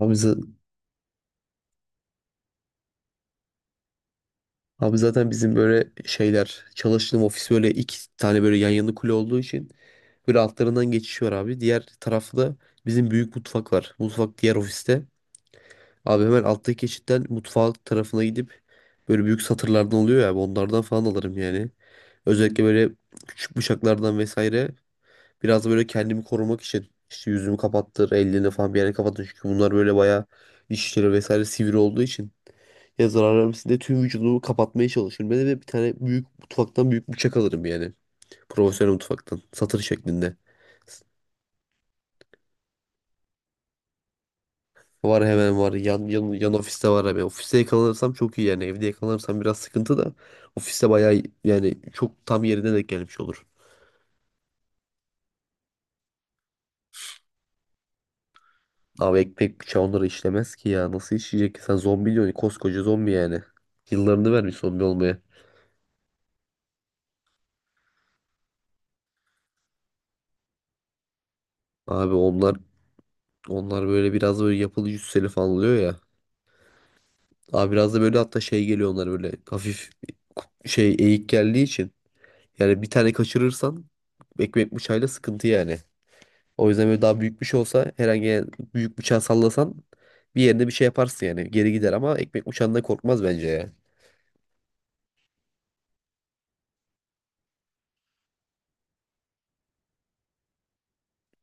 Abi, za- Abi zaten bizim böyle şeyler çalıştığım ofis böyle iki tane böyle yan yana kule olduğu için böyle altlarından geçiş var abi. Diğer tarafta da bizim büyük mutfak var. Mutfak diğer ofiste. Abi hemen alttaki geçitten mutfak tarafına gidip böyle büyük satırlardan oluyor ya abi, onlardan falan alırım yani. Özellikle böyle küçük bıçaklardan vesaire biraz da böyle kendimi korumak için işte yüzümü kapattır, ellerini falan bir yere kapattır. Çünkü bunlar böyle bayağı dişleri vesaire sivri olduğu için Yazar aramsinde tüm vücudumu kapatmaya çalışırım. Ben de bir tane büyük mutfaktan büyük bıçak alırım yani. Profesyonel mutfaktan. Satır şeklinde. Var hemen var. Yan ofiste var hemen. Ofiste yakalanırsam çok iyi yani. Evde yakalanırsam biraz sıkıntı da. Ofiste bayağı yani çok tam yerine denk gelmiş olur. Abi ekmek bıçağı onları işlemez ki ya. Nasıl işleyecek ki? Sen zombi diyorsun. Koskoca zombi yani. Yıllarını vermiş zombi olmaya. Abi onlar böyle biraz böyle yapılı cüsseli falan oluyor ya. Abi biraz da böyle hatta şey geliyor onlara böyle hafif şey eğik geldiği için. Yani bir tane kaçırırsan ekmek bıçağıyla sıkıntı yani. O yüzden böyle daha büyük bir şey olsa herhangi büyük bıçağı sallasan bir yerine bir şey yaparsın yani. Geri gider ama ekmek bıçağından korkmaz bence ya.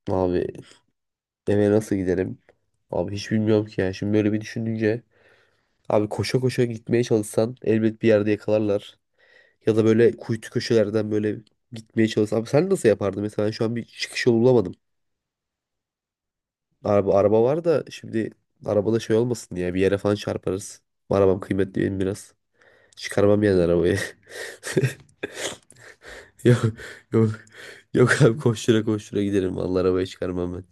Abi eve nasıl giderim? Abi hiç bilmiyorum ki ya. Şimdi böyle bir düşününce abi koşa koşa gitmeye çalışsan elbet bir yerde yakalarlar. Ya da böyle kuytu köşelerden böyle gitmeye çalışsan. Abi sen nasıl yapardın? Mesela şu an bir çıkış yolu bulamadım. Araba var da şimdi arabada şey olmasın diye bir yere falan çarparız. Arabam kıymetli benim biraz. Çıkarmam yani arabayı. Yok yok yok abi koştura koştura giderim vallahi arabayı çıkarmam ben.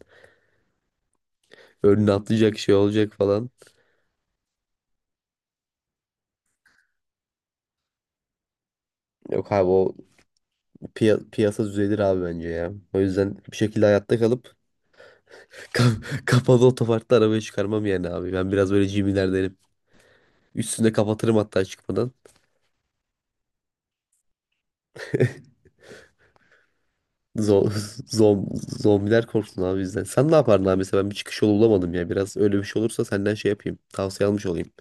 Önüne atlayacak şey olacak falan. Yok abi o piyasa düzelir abi bence ya. O yüzden bir şekilde hayatta kalıp kapalı otoparkta arabayı çıkarmam yani abi. Ben biraz böyle cimilerdenim. Üstünde kapatırım hatta çıkmadan. Zo- zom- zombiler korksun abi bizden. Sen ne yapardın abi mesela ben bir çıkış yolu bulamadım ya. Biraz öyle bir şey olursa senden şey yapayım. Tavsiye almış olayım.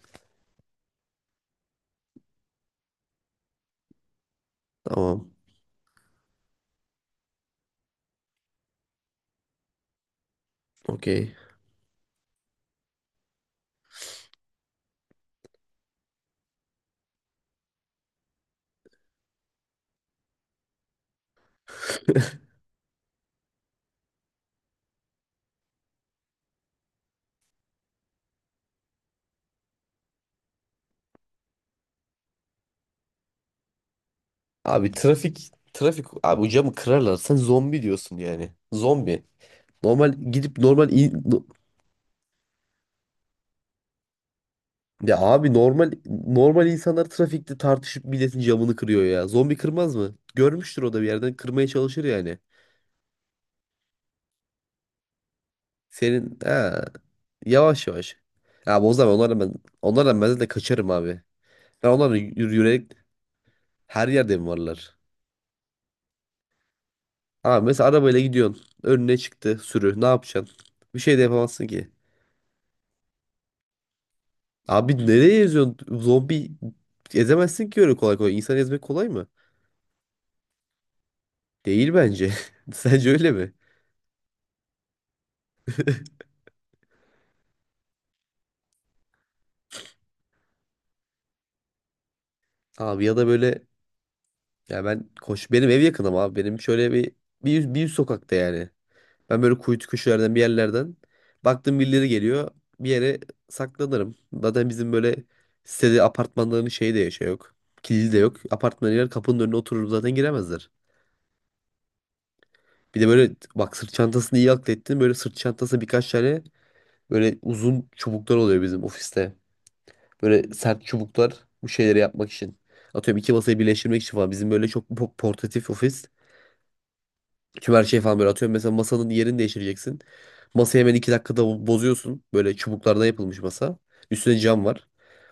Tamam. Okey. Abi trafik abi o camı kırarlar. Sen zombi diyorsun yani. Zombi. Normal gidip normal ya abi normal insanlar trafikte tartışıp milletin camını kırıyor ya. Zombi kırmaz mı? Görmüştür o da bir yerden kırmaya çalışır yani. Senin ha, yavaş yavaş. Abi o zaman onlarla ben de kaçarım abi. Ya onlar yürüyerek her yerde mi varlar? Abi mesela arabayla gidiyorsun. Önüne çıktı sürü. Ne yapacaksın? Bir şey de yapamazsın ki. Abi nereye eziyorsun? Zombi ezemezsin ki öyle kolay kolay. İnsan ezmek kolay mı? Değil bence. Sence öyle mi? Abi ya da böyle ya ben koş benim ev yakınım abi. Benim şöyle bir yüz sokakta yani. Ben böyle kuytu köşelerden bir yerlerden baktım birileri geliyor. Bir yere saklanırım. Zaten bizim böyle sitede apartmanların şeyi de şey yok. Kilidi de yok. Apartmana girer kapının önüne otururum zaten giremezler. Bir de böyle bak sırt çantasını iyi aklettin. Böyle sırt çantasına birkaç tane böyle uzun çubuklar oluyor bizim ofiste. Böyle sert çubuklar bu şeyleri yapmak için. Atıyorum iki masayı birleştirmek için falan. Bizim böyle çok portatif ofis. Tüm her şeyi falan böyle atıyorum. Mesela masanın yerini değiştireceksin. Masayı hemen iki dakikada bozuyorsun. Böyle çubuklardan yapılmış masa. Üstüne cam var.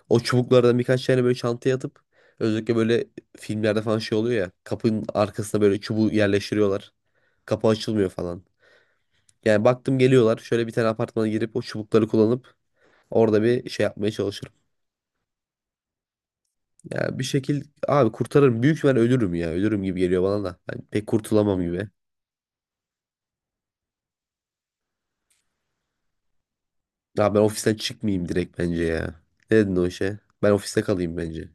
O çubuklardan birkaç tane böyle çantaya atıp özellikle böyle filmlerde falan şey oluyor ya. Kapının arkasına böyle çubuğu yerleştiriyorlar. Kapı açılmıyor falan. Yani baktım geliyorlar. Şöyle bir tane apartmana girip o çubukları kullanıp orada bir şey yapmaya çalışırım. Yani bir şekil abi kurtarırım. Büyük ben ölürüm ya. Ölürüm gibi geliyor bana da. Ben pek kurtulamam gibi. Abi ben ofisten çıkmayayım direkt bence ya. Ne dedin o işe? Ben ofiste kalayım bence.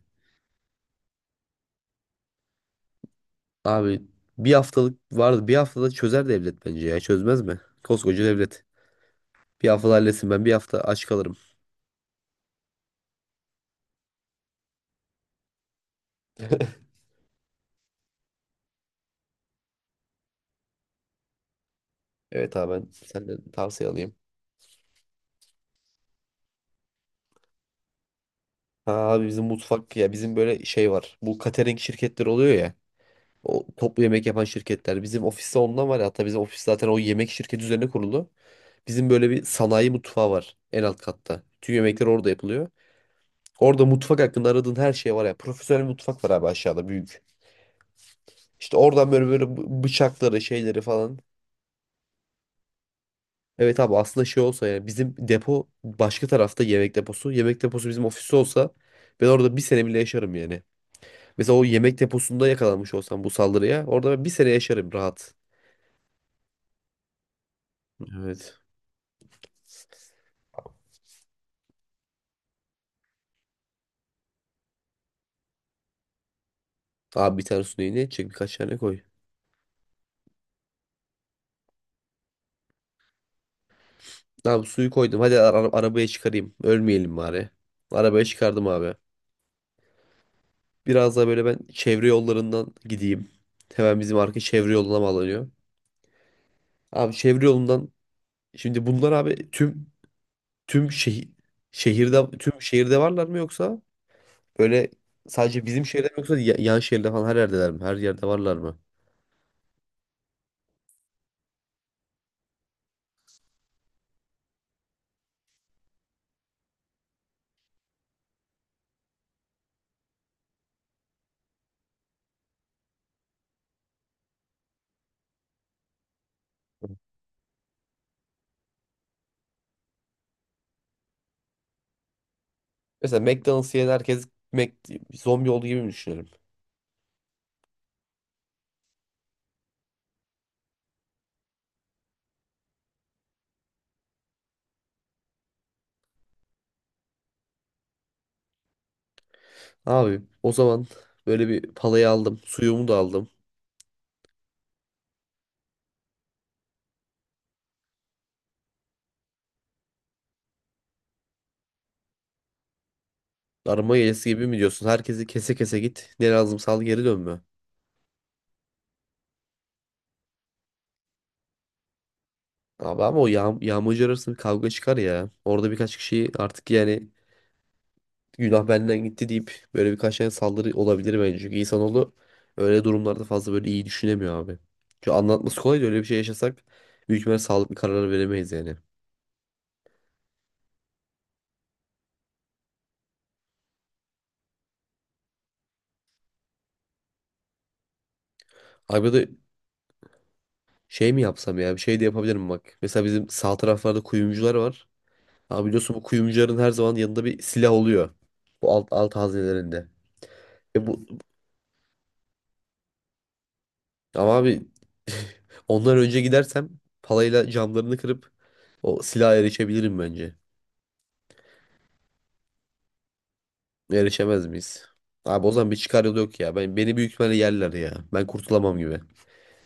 Abi bir haftalık vardı. Bir haftada çözer devlet bence ya. Çözmez mi? Koskoca devlet. Bir haftada halletsin ben bir hafta aç kalırım. Evet abi ben senden tavsiye alayım. Ha abi bizim mutfak ya bizim böyle şey var. Bu catering şirketleri oluyor ya. O toplu yemek yapan şirketler. Bizim ofiste ondan var ya. Hatta bizim ofis zaten o yemek şirketi üzerine kuruldu. Bizim böyle bir sanayi mutfağı var en alt katta. Tüm yemekler orada yapılıyor. Orada mutfak hakkında aradığın her şey var ya. Profesyonel mutfak var abi aşağıda büyük. İşte oradan böyle böyle bıçakları şeyleri falan. Evet abi aslında şey olsa yani bizim depo başka tarafta yemek deposu. Yemek deposu bizim ofiste olsa ben orada bir sene bile yaşarım yani. Mesela o yemek deposunda yakalanmış olsam bu saldırıya orada ben bir sene yaşarım rahat. Evet. Abi bir tane su ne edecek birkaç tane koy. Abi suyu koydum hadi arabaya çıkarayım ölmeyelim bari. Arabaya çıkardım abi. Biraz daha böyle ben çevre yollarından gideyim. Hemen bizim arka çevre yoluna bağlanıyor. Abi çevre yolundan şimdi bunlar abi tüm şehir tüm şehirde varlar mı yoksa böyle sadece bizim şehirde mi yoksa yan şehirde falan her yerdeler mi? Her yerde varlar mı? Mesela McDonald's yiyen herkes Mac, zombi olduğu gibi mi düşünelim? Abi o zaman böyle bir palayı aldım, suyumu da aldım. Arama gelesi gibi mi diyorsun? Herkesi kese kese git. Ne lazımsa al geri dön mü? Abi ama o yağ yağmurcu arasında bir kavga çıkar ya. Orada birkaç kişi artık yani günah benden gitti deyip böyle birkaç tane saldırı olabilir bence. Çünkü insanoğlu öyle durumlarda fazla böyle iyi düşünemiyor abi. Çünkü anlatması kolay da öyle bir şey yaşasak büyük ihtimalle sağlıklı karar veremeyiz yani. Abi de şey mi yapsam ya bir şey de yapabilirim bak. Mesela bizim sağ taraflarda kuyumcular var. Abi biliyorsun bu kuyumcuların her zaman yanında bir silah oluyor. Bu alt hazinelerinde. Ve bu Ama abi ondan önce gidersem palayla camlarını kırıp o silaha erişebilirim bence. Erişemez miyiz? Abi o zaman bir çıkar yolu yok ya. Beni büyük ihtimalle yerler ya. Ben kurtulamam gibi.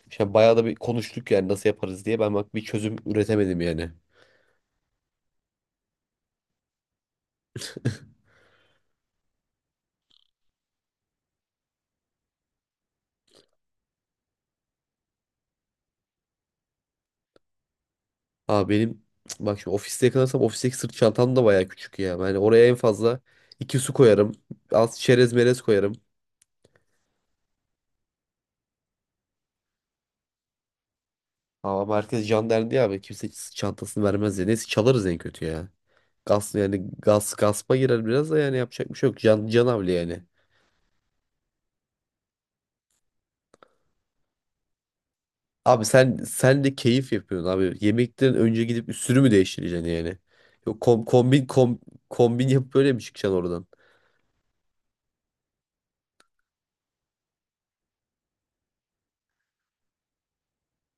Şimdi bayağı da bir konuştuk yani nasıl yaparız diye. Ben bak bir çözüm üretemedim yani. Abi benim bak şimdi ofiste yakalarsam ofisteki sırt çantam da bayağı küçük ya. Yani oraya en fazla iki su koyarım. Az çerez merez koyarım. Ama merkez can derdi ya abi. Kimse sırt çantasını vermez ya. Neyse çalarız en kötü ya. Gas yani gaspa girer biraz da yani yapacak bir şey yok. Canavli yani. Abi sen de keyif yapıyorsun abi. Yemekten önce gidip üstünü mü değiştireceksin yani? Yok kombin yapıp böyle mi çıkacaksın oradan?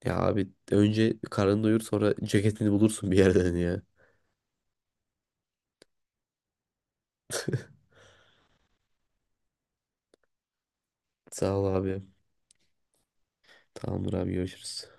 Ya abi önce karnını doyur sonra ceketini bulursun bir yerden ya. Sağ ol abi. Tamamdır abi görüşürüz.